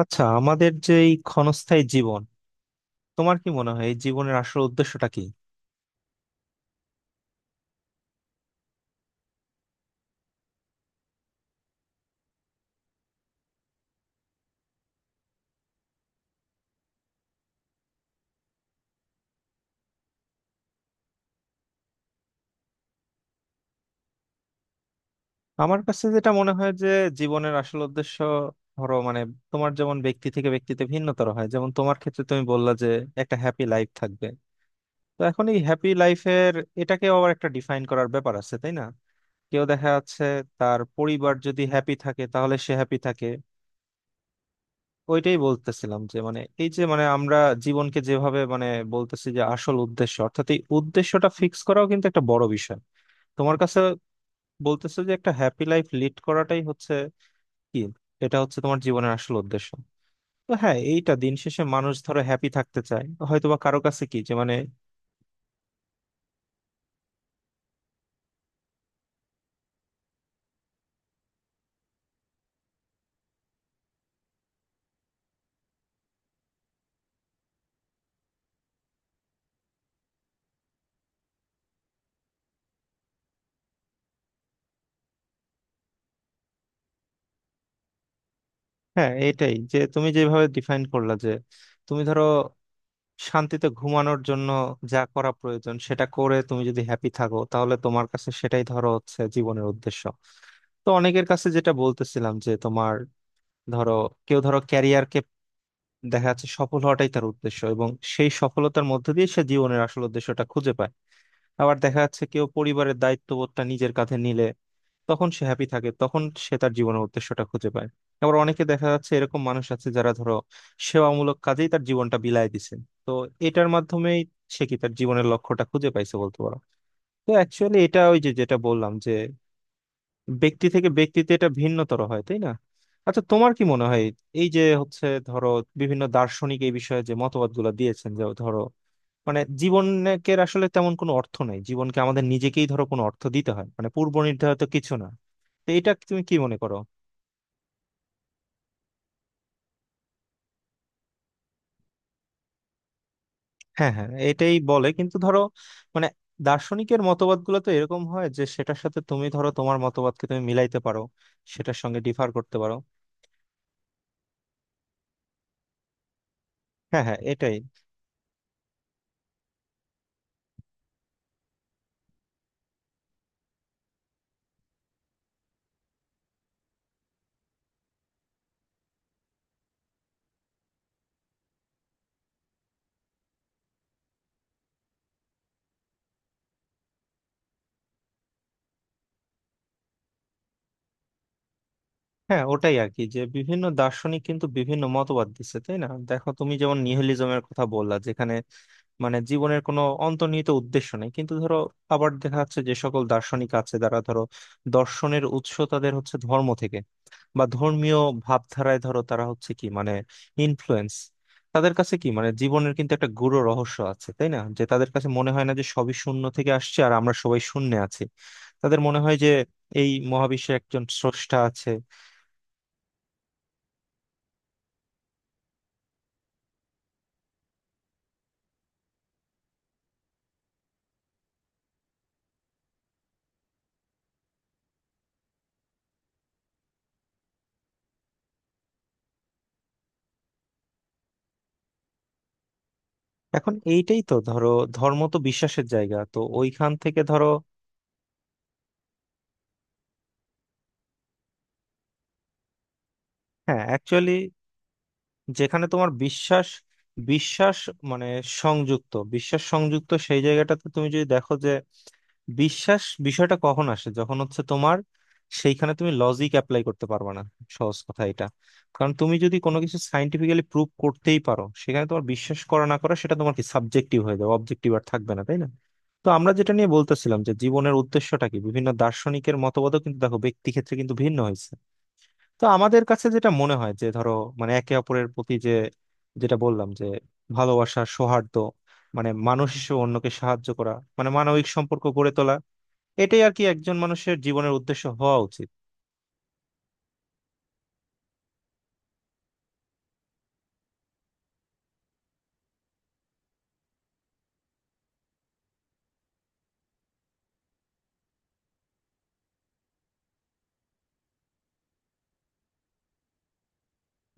আচ্ছা, আমাদের যে এই ক্ষণস্থায়ী জীবন, তোমার কি মনে হয় এই জীবনের আসল উদ্দেশ্যটা কি? আমার কাছে যেটা মনে হয় যে জীবনের আসল উদ্দেশ্য, ধরো মানে তোমার যেমন ব্যক্তি থেকে ব্যক্তিতে ভিন্নতর হয়। যেমন তোমার ক্ষেত্রে তুমি বললা যে একটা হ্যাপি লাইফ থাকবে। তো এখন এই হ্যাপি লাইফের, এটাকে আবার একটা ডিফাইন করার ব্যাপার আছে, তাই না? কেউ দেখা যাচ্ছে তার পরিবার যদি হ্যাপি থাকে তাহলে সে হ্যাপি থাকে। ওইটাই বলতেছিলাম যে মানে এই যে মানে আমরা জীবনকে যেভাবে মানে বলতেছি যে আসল উদ্দেশ্য, অর্থাৎ এই উদ্দেশ্যটা ফিক্স করাও কিন্তু একটা বড় বিষয়। তোমার কাছে বলতেছে যে একটা হ্যাপি লাইফ লিড করাটাই হচ্ছে কি, এটা হচ্ছে তোমার জীবনের আসল উদ্দেশ্য। তো হ্যাঁ, এইটা দিন শেষে মানুষ ধরো হ্যাপি থাকতে চায়, হয়তোবা কারো কাছে কি যে মানে। হ্যাঁ, এইটাই যে তুমি যেভাবে ডিফাইন করলা যে তুমি ধরো শান্তিতে ঘুমানোর জন্য যা করা প্রয়োজন সেটা করে তুমি যদি হ্যাপি থাকো তাহলে তোমার কাছে সেটাই ধরো হচ্ছে জীবনের উদ্দেশ্য। তো অনেকের কাছে যেটা বলতেছিলাম যে তোমার ধরো, কেউ ধরো ক্যারিয়ারকে দেখা যাচ্ছে সফল হওয়াটাই তার উদ্দেশ্য, এবং সেই সফলতার মধ্যে দিয়ে সে জীবনের আসল উদ্দেশ্যটা খুঁজে পায়। আবার দেখা যাচ্ছে কেউ পরিবারের দায়িত্ববোধটা নিজের কাঁধে নিলে তখন সে হ্যাপি থাকে, তখন সে তার জীবনের উদ্দেশ্যটা খুঁজে পায়। আবার অনেকে দেখা যাচ্ছে এরকম মানুষ আছে যারা ধরো সেবামূলক কাজেই তার জীবনটা বিলায় দিছে। তো এটার মাধ্যমেই সে কি তার জীবনের লক্ষ্যটা খুঁজে পাইছে বলতে পারো। তো অ্যাকচুয়ালি এটা ওই যে যেটা বললাম যে ব্যক্তি থেকে ব্যক্তিতে এটা ভিন্নতর হয়, তাই না? আচ্ছা, তোমার কি মনে হয় এই যে হচ্ছে ধরো বিভিন্ন দার্শনিক এই বিষয়ে যে মতবাদগুলো দিয়েছেন যে ধরো মানে জীবনকে আসলে তেমন কোনো অর্থ নাই, জীবনকে আমাদের নিজেকেই ধরো কোনো অর্থ দিতে হয়, মানে পূর্ব নির্ধারিত কিছু না। তো এটা তুমি কি মনে করো? হ্যাঁ হ্যাঁ, এটাই বলে কিন্তু ধরো মানে দার্শনিকের মতবাদগুলো তো এরকম হয় যে সেটার সাথে তুমি ধরো তোমার মতবাদকে তুমি মিলাইতে পারো, সেটার সঙ্গে ডিফার করতে পারো। হ্যাঁ হ্যাঁ এটাই। হ্যাঁ, ওটাই আর কি, যে বিভিন্ন দার্শনিক কিন্তু বিভিন্ন মতবাদ দিচ্ছে, তাই না? দেখো তুমি যেমন নিহিলিজমের কথা বললা যেখানে মানে জীবনের কোনো অন্তর্নিহিত উদ্দেশ্য নেই, কিন্তু ধরো আবার দেখা যাচ্ছে যে সকল দার্শনিক আছে যারা ধরো দর্শনের উৎস তাদের হচ্ছে ধর্ম থেকে, বা ধর্মীয় ভাবধারায় ধরো তারা হচ্ছে কি মানে ইনফ্লুয়েন্স। তাদের কাছে কি মানে জীবনের কিন্তু একটা গূঢ় রহস্য আছে, তাই না? যে তাদের কাছে মনে হয় না যে সবই শূন্য থেকে আসছে আর আমরা সবাই শূন্যে আছি। তাদের মনে হয় যে এই মহাবিশ্বে একজন স্রষ্টা আছে। এখন এইটাই তো ধরো, ধর্ম তো বিশ্বাসের জায়গা, তো ওইখান থেকে ধরো। হ্যাঁ, অ্যাকচুয়ালি যেখানে তোমার বিশ্বাস, বিশ্বাস মানে সংযুক্ত, বিশ্বাস সংযুক্ত সেই জায়গাটাতে তুমি যদি দেখো যে বিশ্বাস বিষয়টা কখন আসে যখন হচ্ছে তোমার, সেইখানে তুমি লজিক অ্যাপ্লাই করতে পারবে না। সহজ কথা এটা। কারণ তুমি যদি কোনো কিছু সাইন্টিফিক্যালি প্রুভ করতেই পারো, সেখানে তোমার বিশ্বাস করা না করা সেটা তোমার কি সাবজেক্টিভ হয়ে যাবে, অবজেক্টিভ আর থাকবে না, তাই না? তো আমরা যেটা নিয়ে বলতেছিলাম যে জীবনের উদ্দেশ্যটা কি, বিভিন্ন দার্শনিকের মতবাদও কিন্তু দেখো ব্যক্তি ক্ষেত্রে কিন্তু ভিন্ন হয়েছে। তো আমাদের কাছে যেটা মনে হয় যে ধরো মানে একে অপরের প্রতি যে, যেটা বললাম যে ভালোবাসা, সৌহার্দ্য, মানে মানুষ হিসেবে অন্যকে সাহায্য করা, মানে মানবিক সম্পর্ক গড়ে তোলা, এটাই আর কি একজন মানুষের জীবনের উদ্দেশ্য হওয়া উচিত।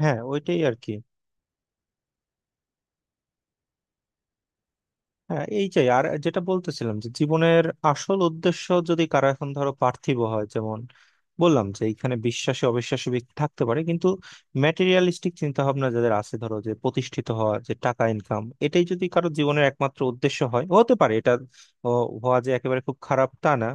হ্যাঁ, ওইটাই আর কি। হ্যাঁ, এই যে আর যেটা বলতেছিলাম যে জীবনের আসল উদ্দেশ্য যদি কারো এখন ধরো পার্থিব হয়, যেমন বললাম যে এখানে বিশ্বাসী অবিশ্বাসী ব্যক্তি থাকতে পারে, কিন্তু ম্যাটেরিয়ালিস্টিক চিন্তা ভাবনা যাদের আছে ধরো, যে প্রতিষ্ঠিত হওয়া, যে টাকা ইনকাম, এটাই যদি কারো জীবনের একমাত্র উদ্দেশ্য হয়, হতে পারে এটা। ও, হওয়া যে একেবারে খুব খারাপ তা না।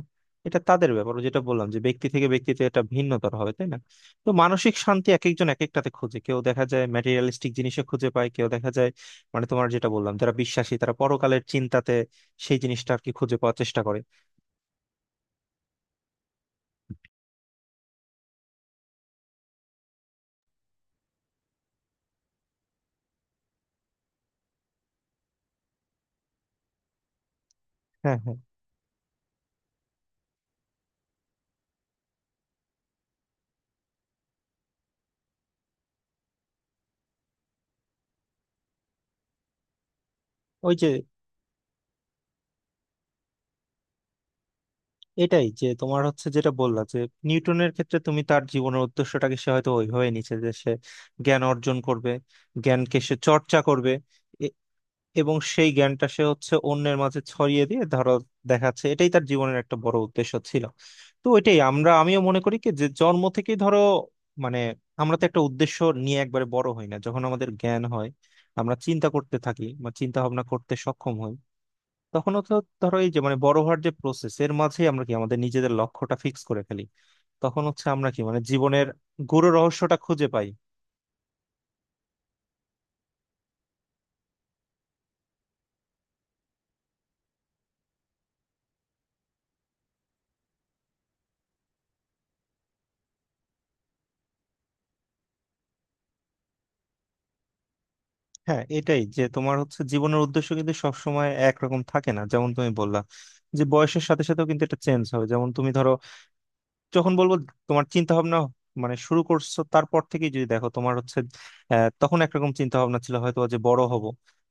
এটা তাদের ব্যাপার, ও যেটা বললাম যে ব্যক্তি থেকে ব্যক্তিতে এটা ভিন্নতর হবে, তাই না? তো মানসিক শান্তি এক একজন এক একটাতে খোঁজে। কেউ দেখা যায় ম্যাটেরিয়ালিস্টিক জিনিসে খুঁজে পায়, কেউ দেখা যায় মানে তোমার যেটা বললাম যারা বিশ্বাসী, তারা পরকালের চিন্তাতে সেই জিনিসটা আর কি খুঁজে পাওয়ার চেষ্টা করে। হ্যাঁ হ্যাঁ, ওই যে এটাই যে তোমার হচ্ছে যেটা বললা যে নিউটনের ক্ষেত্রে তুমি তার জীবনের উদ্দেশ্যটাকে, সে হয়তো ওইভাবে নিচ্ছে যে সে জ্ঞান অর্জন করবে, জ্ঞানকে সে চর্চা করবে এবং সেই জ্ঞানটা সে হচ্ছে অন্যের মাঝে ছড়িয়ে দিয়ে ধরো দেখাচ্ছে, এটাই তার জীবনের একটা বড় উদ্দেশ্য ছিল। তো এটাই আমরা, আমিও মনে করি কি যে জন্ম থেকেই ধরো মানে আমরা তো একটা উদ্দেশ্য নিয়ে একবারে বড় হই না। যখন আমাদের জ্ঞান হয়, আমরা চিন্তা করতে থাকি বা চিন্তা ভাবনা করতে সক্ষম হই, তখন তো ধরো এই যে মানে বড় হওয়ার যে প্রসেস এর মাঝেই আমরা কি আমাদের নিজেদের লক্ষ্যটা ফিক্স করে ফেলি, তখন হচ্ছে আমরা কি মানে জীবনের গূঢ় রহস্যটা খুঁজে পাই। হ্যাঁ, এটাই যে তোমার হচ্ছে জীবনের উদ্দেশ্য কিন্তু সবসময় একরকম থাকে না, যেমন তুমি বললা যে বয়সের সাথে সাথেও কিন্তু এটা চেঞ্জ হয়। যেমন তুমি ধরো যখন বলবো তোমার চিন্তা ভাবনা মানে শুরু করছো, তারপর থেকেই যদি দেখো তোমার হচ্ছে তখন একরকম চিন্তা ভাবনা ছিল হয়তো যে বড় হব।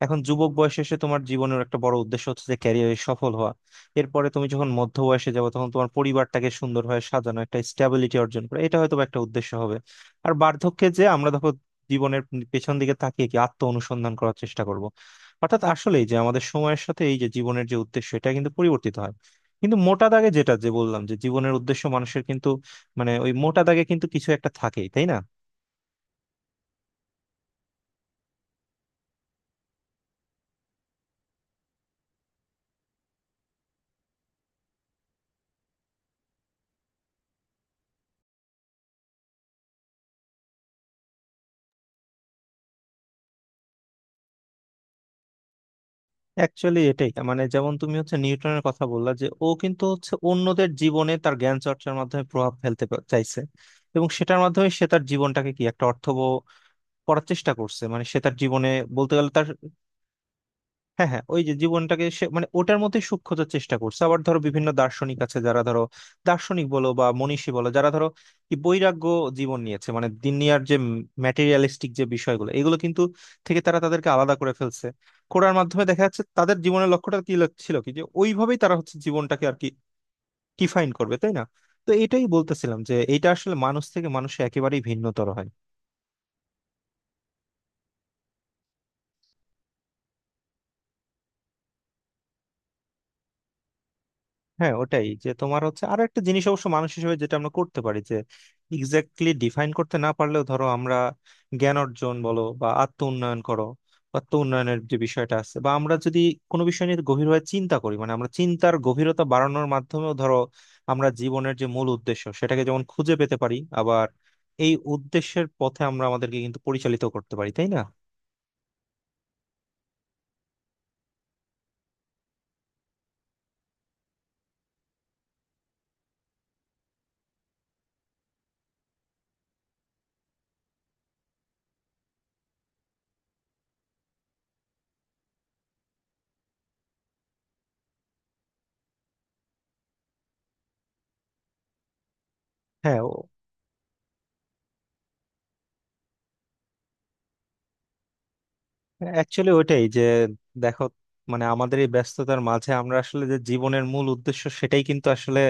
এখন যুবক বয়সে এসে তোমার জীবনের একটা বড় উদ্দেশ্য হচ্ছে যে ক্যারিয়ারে সফল হওয়া। এরপরে তুমি যখন মধ্য বয়সে যাবে, তখন তোমার পরিবারটাকে সুন্দরভাবে সাজানো, একটা স্টেবিলিটি অর্জন করা, এটা হয়তো বা একটা উদ্দেশ্য হবে। আর বার্ধক্যে যে আমরা দেখো জীবনের পেছন দিকে তাকিয়ে কি আত্ম অনুসন্ধান করার চেষ্টা করব। অর্থাৎ আসলেই যে আমাদের সময়ের সাথে এই যে জীবনের যে উদ্দেশ্য, এটা কিন্তু পরিবর্তিত হয়। কিন্তু মোটা দাগে যেটা, যে বললাম যে জীবনের উদ্দেশ্য মানুষের কিন্তু মানে ওই মোটা দাগে কিন্তু কিছু একটা থাকেই, তাই না? অ্যাকচুয়ালি এটাই মানে যেমন তুমি হচ্ছে নিউটনের কথা বললা যে ও কিন্তু হচ্ছে অন্যদের জীবনে তার জ্ঞান চর্চার মাধ্যমে প্রভাব ফেলতে চাইছে, এবং সেটার মাধ্যমে সে তার জীবনটাকে কি একটা অর্থবহ করার চেষ্টা করছে, মানে সে তার জীবনে বলতে গেলে তার, হ্যাঁ হ্যাঁ ওই যে জীবনটাকে সে মানে ওটার মধ্যে সুখ খোঁজার চেষ্টা করছে। আবার ধরো বিভিন্ন দার্শনিক আছে যারা ধরো দার্শনিক বলো বা মনীষী বলো, যারা ধরো কি বৈরাগ্য জীবন নিয়েছে, মানে দুনিয়ার যে ম্যাটেরিয়ালিস্টিক যে বিষয়গুলো এগুলো কিন্তু, থেকে তারা তাদেরকে আলাদা করে ফেলছে, করার মাধ্যমে দেখা যাচ্ছে তাদের জীবনের লক্ষ্যটা কি ছিল, কি যে ওইভাবেই তারা হচ্ছে জীবনটাকে আর কি ডিফাইন করবে, তাই না? তো এটাই বলতেছিলাম যে এটা আসলে মানুষ থেকে মানুষে একেবারেই ভিন্নতর হয়। হ্যাঁ, ওটাই যে তোমার হচ্ছে আরো একটা জিনিস অবশ্য মানুষ হিসেবে যেটা আমরা করতে পারি যে এক্স্যাক্টলি ডিফাইন করতে না পারলেও ধরো আমরা জ্ঞান অর্জন বলো বা আত্ম উন্নয়ন করো, বা আত্ম উন্নয়নের যে বিষয়টা আছে, বা আমরা যদি কোনো বিষয় নিয়ে গভীরভাবে চিন্তা করি, মানে আমরা চিন্তার গভীরতা বাড়ানোর মাধ্যমেও ধরো আমরা জীবনের যে মূল উদ্দেশ্য সেটাকে যেমন খুঁজে পেতে পারি, আবার এই উদ্দেশ্যের পথে আমরা আমাদেরকে কিন্তু পরিচালিত করতে পারি, তাই না? হ্যাঁ, অ্যাকচুয়ালি ওইটাই যে দেখো মানে আমাদের এই ব্যস্ততার মাঝে আমরা আসলে যে জীবনের মূল উদ্দেশ্য সেটাই কিন্তু আসলে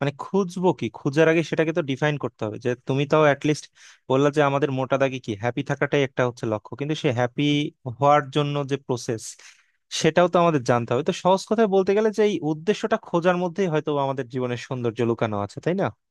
মানে খুঁজবো কি, খুঁজার আগে সেটাকে তো ডিফাইন করতে হবে। যে তুমি তাও অ্যাটলিস্ট বললা যে আমাদের মোটা দাগে কি হ্যাপি থাকাটাই একটা হচ্ছে লক্ষ্য, কিন্তু সে হ্যাপি হওয়ার জন্য যে প্রসেস সেটাও তো আমাদের জানতে হবে। তো সহজ কথায় বলতে গেলে যে এই উদ্দেশ্যটা খোঁজার মধ্যেই হয়তো আমাদের জীবনের সৌন্দর্য লুকানো আছে, তাই না?